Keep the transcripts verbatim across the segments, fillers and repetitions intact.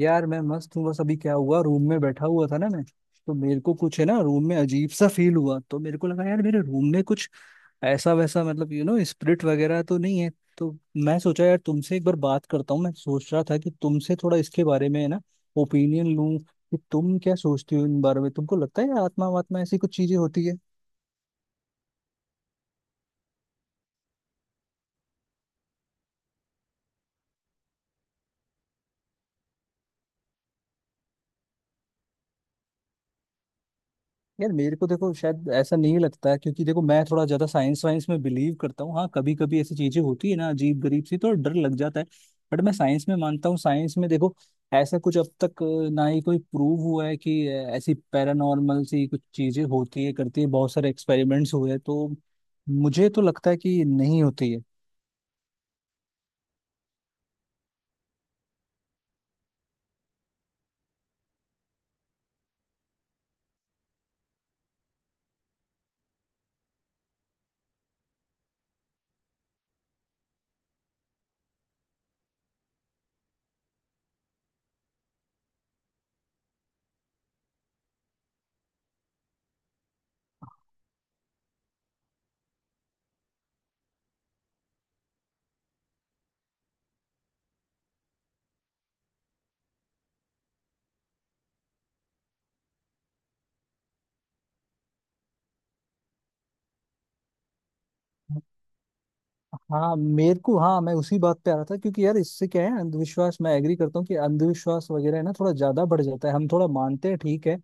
यार मैं मस्त हूँ। बस अभी क्या हुआ, रूम में बैठा हुआ था ना मैं। तो मेरे को कुछ है ना, रूम में अजीब सा फील हुआ। तो मेरे को लगा यार, मेरे रूम में कुछ ऐसा वैसा मतलब यू नो स्पिरिट वगैरह तो नहीं है। तो मैं सोचा यार तुमसे एक बार बात करता हूँ। मैं सोच रहा था कि तुमसे थोड़ा इसके बारे में है ना ओपिनियन लूँ कि तुम क्या सोचती हो इन बारे में। तुमको लगता है आत्मा वात्मा ऐसी कुछ चीजें होती है? यार मेरे को देखो शायद ऐसा नहीं लगता है, क्योंकि देखो मैं थोड़ा ज्यादा साइंस वाइंस में बिलीव करता हूँ। हाँ, कभी कभी ऐसी चीजें होती है ना अजीब गरीब सी, तो डर लग जाता है। बट मैं साइंस में मानता हूँ। साइंस में देखो ऐसा कुछ अब तक अ, ना ही कोई प्रूव हुआ है कि अ, ऐसी पैरानॉर्मल सी कुछ चीजें होती है करती है। बहुत सारे एक्सपेरिमेंट्स हुए हैं, तो मुझे तो लगता है कि नहीं होती है। हाँ मेरे को, हाँ मैं उसी बात पे आ रहा था। क्योंकि यार इससे क्या है, अंधविश्वास, मैं एग्री करता हूँ कि अंधविश्वास वगैरह है ना थोड़ा ज्यादा बढ़ जाता है। हम थोड़ा मानते हैं ठीक है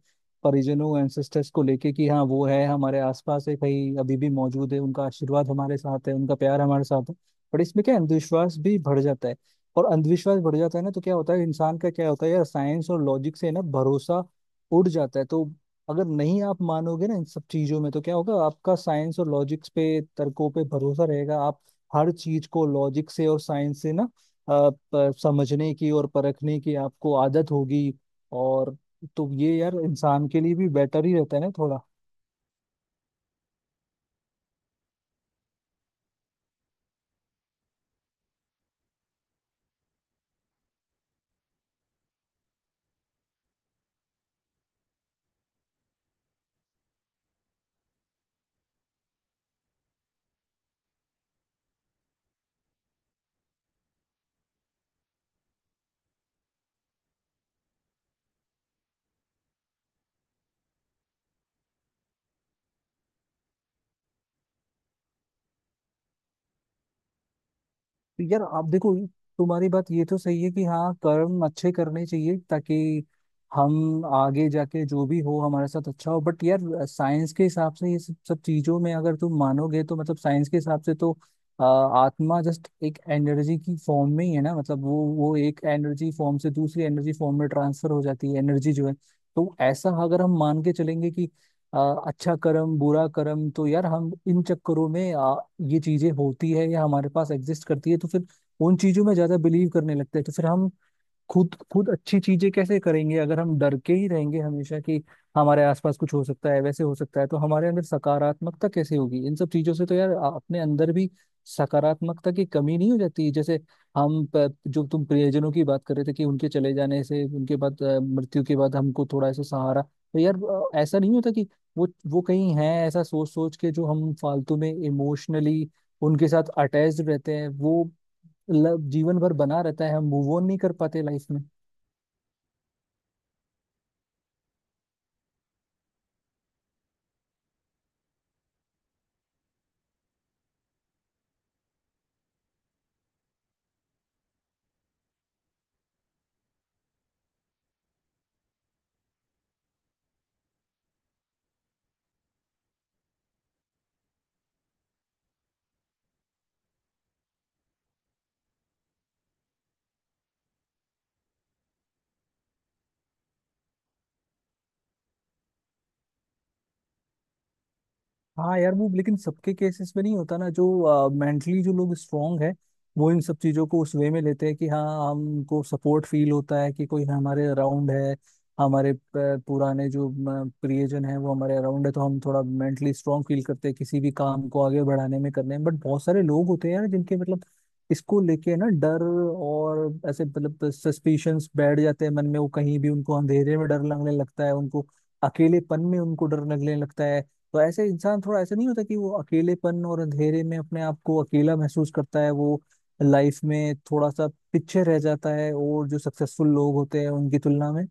परिजनों एंसेस्टर्स को लेके कि हाँ वो है हमारे आसपास, है कहीं अभी भी मौजूद है, उनका आशीर्वाद हमारे साथ है, उनका प्यार हमारे साथ है। पर इसमें क्या है, अंधविश्वास भी बढ़ जाता है। और अंधविश्वास बढ़ जाता है ना तो क्या होता है, इंसान का क्या होता है यार, साइंस और लॉजिक से ना भरोसा उड़ जाता है। तो अगर नहीं आप मानोगे ना इन सब चीजों में तो क्या होगा, आपका साइंस और लॉजिक्स पे तर्कों पे भरोसा रहेगा। आप हर चीज को लॉजिक से और साइंस से ना अ, प- समझने की और परखने की आपको आदत होगी। और तो ये यार इंसान के लिए भी बेटर ही रहता है ना थोड़ा। तो यार आप देखो तुम्हारी बात ये तो सही है कि हाँ कर्म अच्छे करने चाहिए, ताकि हम आगे जाके जो भी हो हमारे साथ अच्छा हो। बट यार साइंस के हिसाब से ये सब सब चीजों में अगर तुम मानोगे तो, मतलब साइंस के हिसाब से तो अ, आत्मा जस्ट एक एनर्जी की फॉर्म में ही है ना। मतलब वो वो एक एनर्जी फॉर्म से दूसरी एनर्जी फॉर्म में ट्रांसफर हो जाती है एनर्जी जो है। तो ऐसा अगर हम मान के चलेंगे कि आ, अच्छा कर्म बुरा कर्म, तो यार हम इन चक्करों में, आ, ये चीजें होती है या हमारे पास एग्जिस्ट करती है तो फिर उन चीजों में ज्यादा बिलीव करने लगते हैं। तो फिर हम खुद खुद अच्छी चीजें कैसे करेंगे अगर हम डर के ही रहेंगे हमेशा कि हमारे आसपास कुछ हो सकता है वैसे हो सकता है। तो हमारे अंदर सकारात्मकता कैसे होगी इन सब चीजों से। तो यार अ- अपने अंदर भी सकारात्मकता की कमी नहीं हो जाती। जैसे हम प- जो तुम प्रियजनों की बात कर रहे थे कि उनके चले जाने से उनके बाद अ, मृत्यु के बाद हमको थोड़ा ऐसा सहारा, तो यार अ, ऐसा नहीं होता कि वो वो कहीं है, ऐसा सोच सोच के जो हम फालतू में इमोशनली उनके साथ अटैच्ड रहते हैं, वो ल- जीवन भर बना रहता है। हम मूव ऑन नहीं कर पाते लाइफ में। हाँ यार वो लेकिन सबके केसेस में नहीं होता ना। जो मेंटली जो लोग स्ट्रांग है वो इन सब चीजों को उस वे में लेते हैं कि हाँ हमको सपोर्ट फील होता है कि कोई हमारे अराउंड है, हमारे प- पुराने जो म, प्रियजन है वो हमारे अराउंड है, तो हम थोड़ा मेंटली स्ट्रांग फील करते हैं किसी भी काम को आगे बढ़ाने में करने में। बट बहुत सारे लोग होते हैं यार जिनके मतलब इसको लेके ना डर और ऐसे मतलब सस्पिशंस बैठ जाते हैं मन में। वो कहीं भी उनको अंधेरे में डर लगने लगता है, उनको अकेलेपन में उनको डर लगने लगता है। तो ऐसे इंसान, थोड़ा ऐसा नहीं होता कि वो अकेलेपन और अंधेरे में अपने आप को अकेला महसूस करता है, वो लाइफ में थोड़ा सा पीछे रह जाता है और जो सक्सेसफुल लोग होते हैं उनकी तुलना में।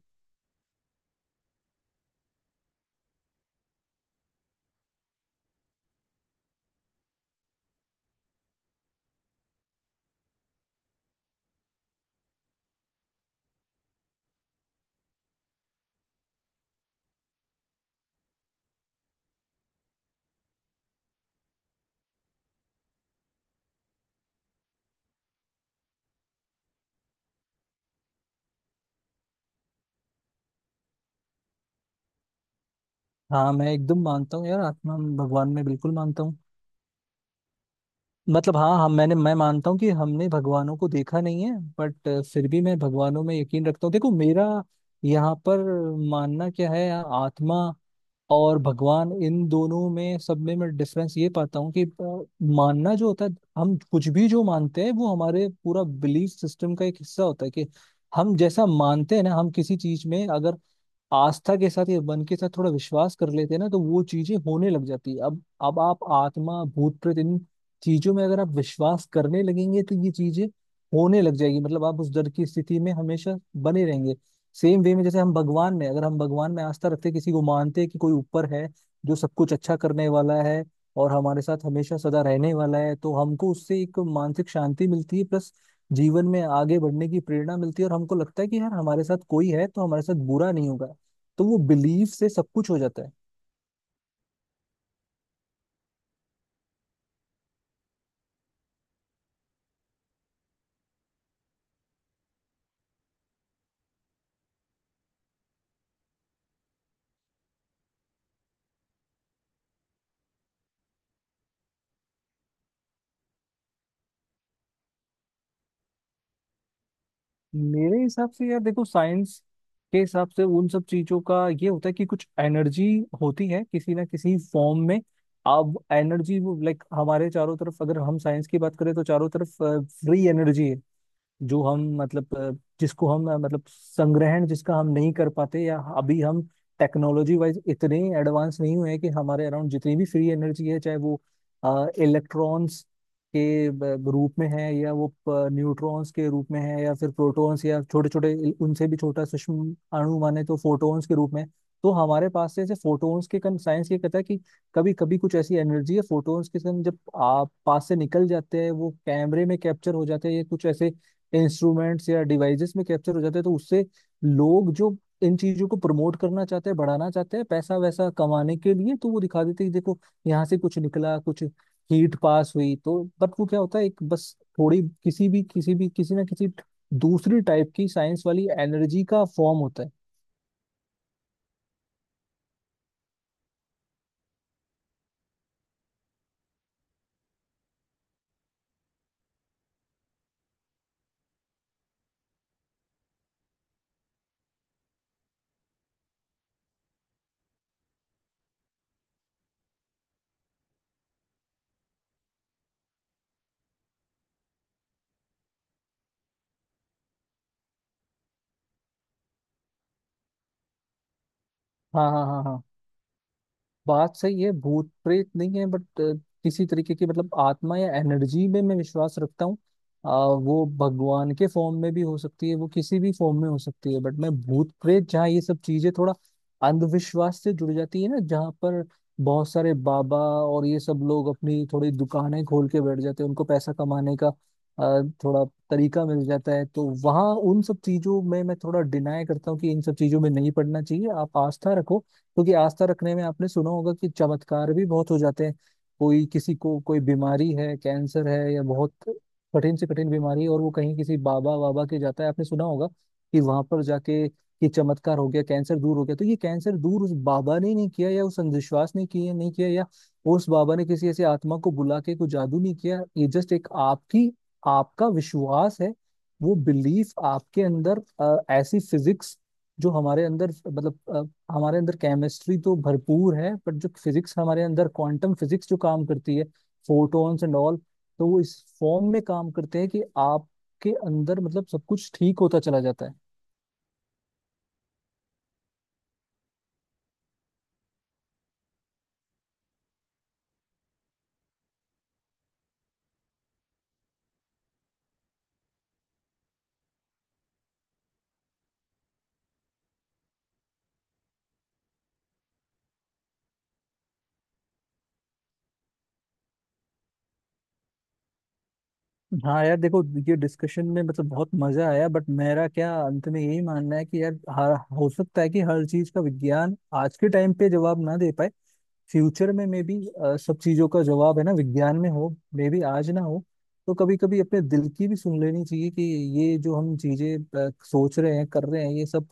हाँ मैं एकदम मानता हूँ यार, आत्मा भगवान में बिल्कुल मानता हूँ। मतलब हाँ हम मैंने मैं मानता हूँ कि हमने भगवानों को देखा नहीं है, बट फिर भी मैं भगवानों में यकीन रखता हूँ। देखो मेरा यहाँ पर मानना क्या है, आत्मा और भगवान इन दोनों में सब में मैं डिफरेंस ये पाता हूँ कि अ, मानना जो होता है, हम कुछ भी जो मानते हैं वो हमारे पूरा बिलीफ सिस्टम का एक हिस्सा होता है। कि हम जैसा मानते हैं ना, हम किसी चीज में अगर आस्था के साथ या मन के साथ थोड़ा विश्वास कर लेते हैं ना, तो वो चीजें होने लग जाती है। अब अब आप आत्मा भूत प्रेत इन चीजों में अगर आप विश्वास करने लगेंगे तो ये चीजें होने लग जाएगी। मतलब आप उस डर की स्थिति में हमेशा बने रहेंगे। सेम वे में जैसे हम भगवान में, अगर हम भगवान में आस्था रखते हैं, किसी को मानते हैं कि कोई ऊपर है जो सब कुछ अच्छा करने वाला है और हमारे साथ हमेशा सदा रहने वाला है, तो हमको उससे एक मानसिक शांति मिलती है, प्लस जीवन में आगे बढ़ने की प्रेरणा मिलती है और हमको लगता है कि यार हमारे साथ कोई है तो हमारे साथ बुरा नहीं होगा। तो वो बिलीव से सब कुछ हो जाता है। मेरे हिसाब से यार देखो, साइंस के हिसाब से उन सब चीजों का ये होता है कि कुछ एनर्जी होती है किसी ना किसी फॉर्म में। अब एनर्जी वो लाइक हमारे चारों तरफ, अगर हम साइंस की बात करें तो चारों तरफ फ्री एनर्जी है, जो हम मतलब अ, जिसको हम अ, मतलब संग्रहण जिसका हम नहीं कर पाते, या अभी हम टेक्नोलॉजी वाइज इतने एडवांस नहीं हुए हैं कि हमारे अराउंड जितनी भी फ्री एनर्जी है, चाहे वो इलेक्ट्रॉन्स के ब- रूप में है या वो न्यूट्रॉन्स के रूप में है या फिर प्रोटॉन्स या छोटे छोटे उनसे भी छोटा सूक्ष्म अणु माने तो फोटॉन्स के रूप में। तो हमारे पास से ऐसे फोटॉन्स के कन, साइंस ये कहता है कि कभी कभी कुछ ऐसी एनर्जी है, फोटॉन्स के कन जब आप पास से निकल जाते हैं वो कैमरे में कैप्चर हो जाते हैं या कुछ ऐसे इंस्ट्रूमेंट्स या डिवाइसेस में कैप्चर हो जाते हैं। तो उससे लोग जो इन चीजों को प्रमोट करना चाहते हैं बढ़ाना चाहते हैं पैसा वैसा कमाने के लिए, तो वो दिखा देते हैं कि देखो यहाँ से कुछ निकला, कुछ हीट पास हुई। तो बट वो क्या होता है एक, बस थोड़ी किसी भी किसी भी किसी ना किसी दूसरी टाइप की साइंस वाली एनर्जी का फॉर्म होता है। हाँ हाँ हाँ हाँ, बात सही है। भूत प्रेत नहीं है बट किसी तरीके की, मतलब आत्मा या एनर्जी में मैं विश्वास रखता हूँ। अ, वो भगवान के फॉर्म में भी हो सकती है, वो किसी भी फॉर्म में हो सकती है। बट मैं भूत प्रेत जहाँ ये सब चीजें थोड़ा अंधविश्वास से जुड़ जाती है ना, जहाँ पर बहुत सारे बाबा और ये सब लोग अपनी थोड़ी दुकानें खोल के बैठ जाते हैं, उनको पैसा कमाने का अ, थोड़ा तरीका मिल जाता है, तो वहाँ उन सब चीजों में मैं थोड़ा डिनाई करता हूँ कि इन सब चीजों में नहीं पड़ना चाहिए। आप आस्था रखो, क्योंकि आस्था रखने में आपने सुना होगा कि चमत्कार भी बहुत हो जाते हैं। कोई, किसी को कोई बीमारी है, कैंसर है या बहुत कठिन से कठिन बीमारी है, और वो कहीं किसी बाबा वाबा के जाता है, आपने सुना होगा कि वहां पर जाके कि चमत्कार हो गया, कैंसर दूर हो गया। तो ये कैंसर दूर उस बाबा ने नहीं किया या उस अंधविश्वास ने किया नहीं किया, या उस बाबा ने किसी ऐसी आत्मा को बुला के कोई जादू नहीं किया। ये जस्ट एक आपकी, आपका विश्वास है। वो बिलीफ आपके अंदर अ, ऐसी फिजिक्स जो हमारे अंदर मतलब अ, हमारे अंदर केमिस्ट्री तो भरपूर है, पर जो फिजिक्स हमारे अंदर क्वांटम फिजिक्स जो काम करती है, फोटॉन्स एंड ऑल, तो वो इस फॉर्म में काम करते हैं कि आपके अंदर मतलब सब कुछ ठीक होता चला जाता है। हाँ यार देखो ये डिस्कशन में मतलब बहुत मजा आया। बट मेरा क्या अंत में यही मानना है कि यार हर- हो सकता है कि हर चीज का विज्ञान आज के टाइम पे जवाब ना दे पाए, फ्यूचर में मे बी सब चीजों का जवाब है ना विज्ञान में हो, मे बी आज ना हो। तो कभी कभी अपने दिल की भी सुन लेनी चाहिए कि ये जो हम चीजें अ, सोच रहे हैं कर रहे हैं ये सब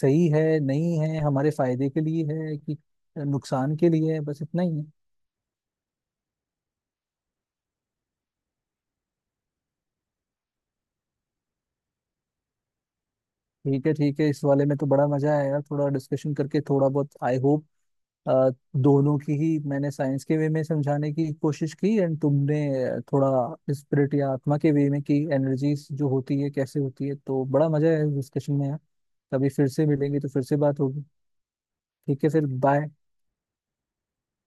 सही है नहीं है, हमारे फायदे के लिए है कि नुकसान के लिए है, बस इतना ही है। ठीक है ठीक है, इस वाले में तो बड़ा मजा आया यार थोड़ा डिस्कशन करके थोड़ा बहुत। आई होप अ, दोनों की ही, मैंने साइंस के वे में समझाने की कोशिश की एंड तुमने थोड़ा स्पिरिट या आत्मा के वे में की, एनर्जीज जो होती है कैसे होती है। तो बड़ा मजा है डिस्कशन में यार। कभी फिर से मिलेंगे तो फिर से बात होगी। ठीक है, फिर बाय।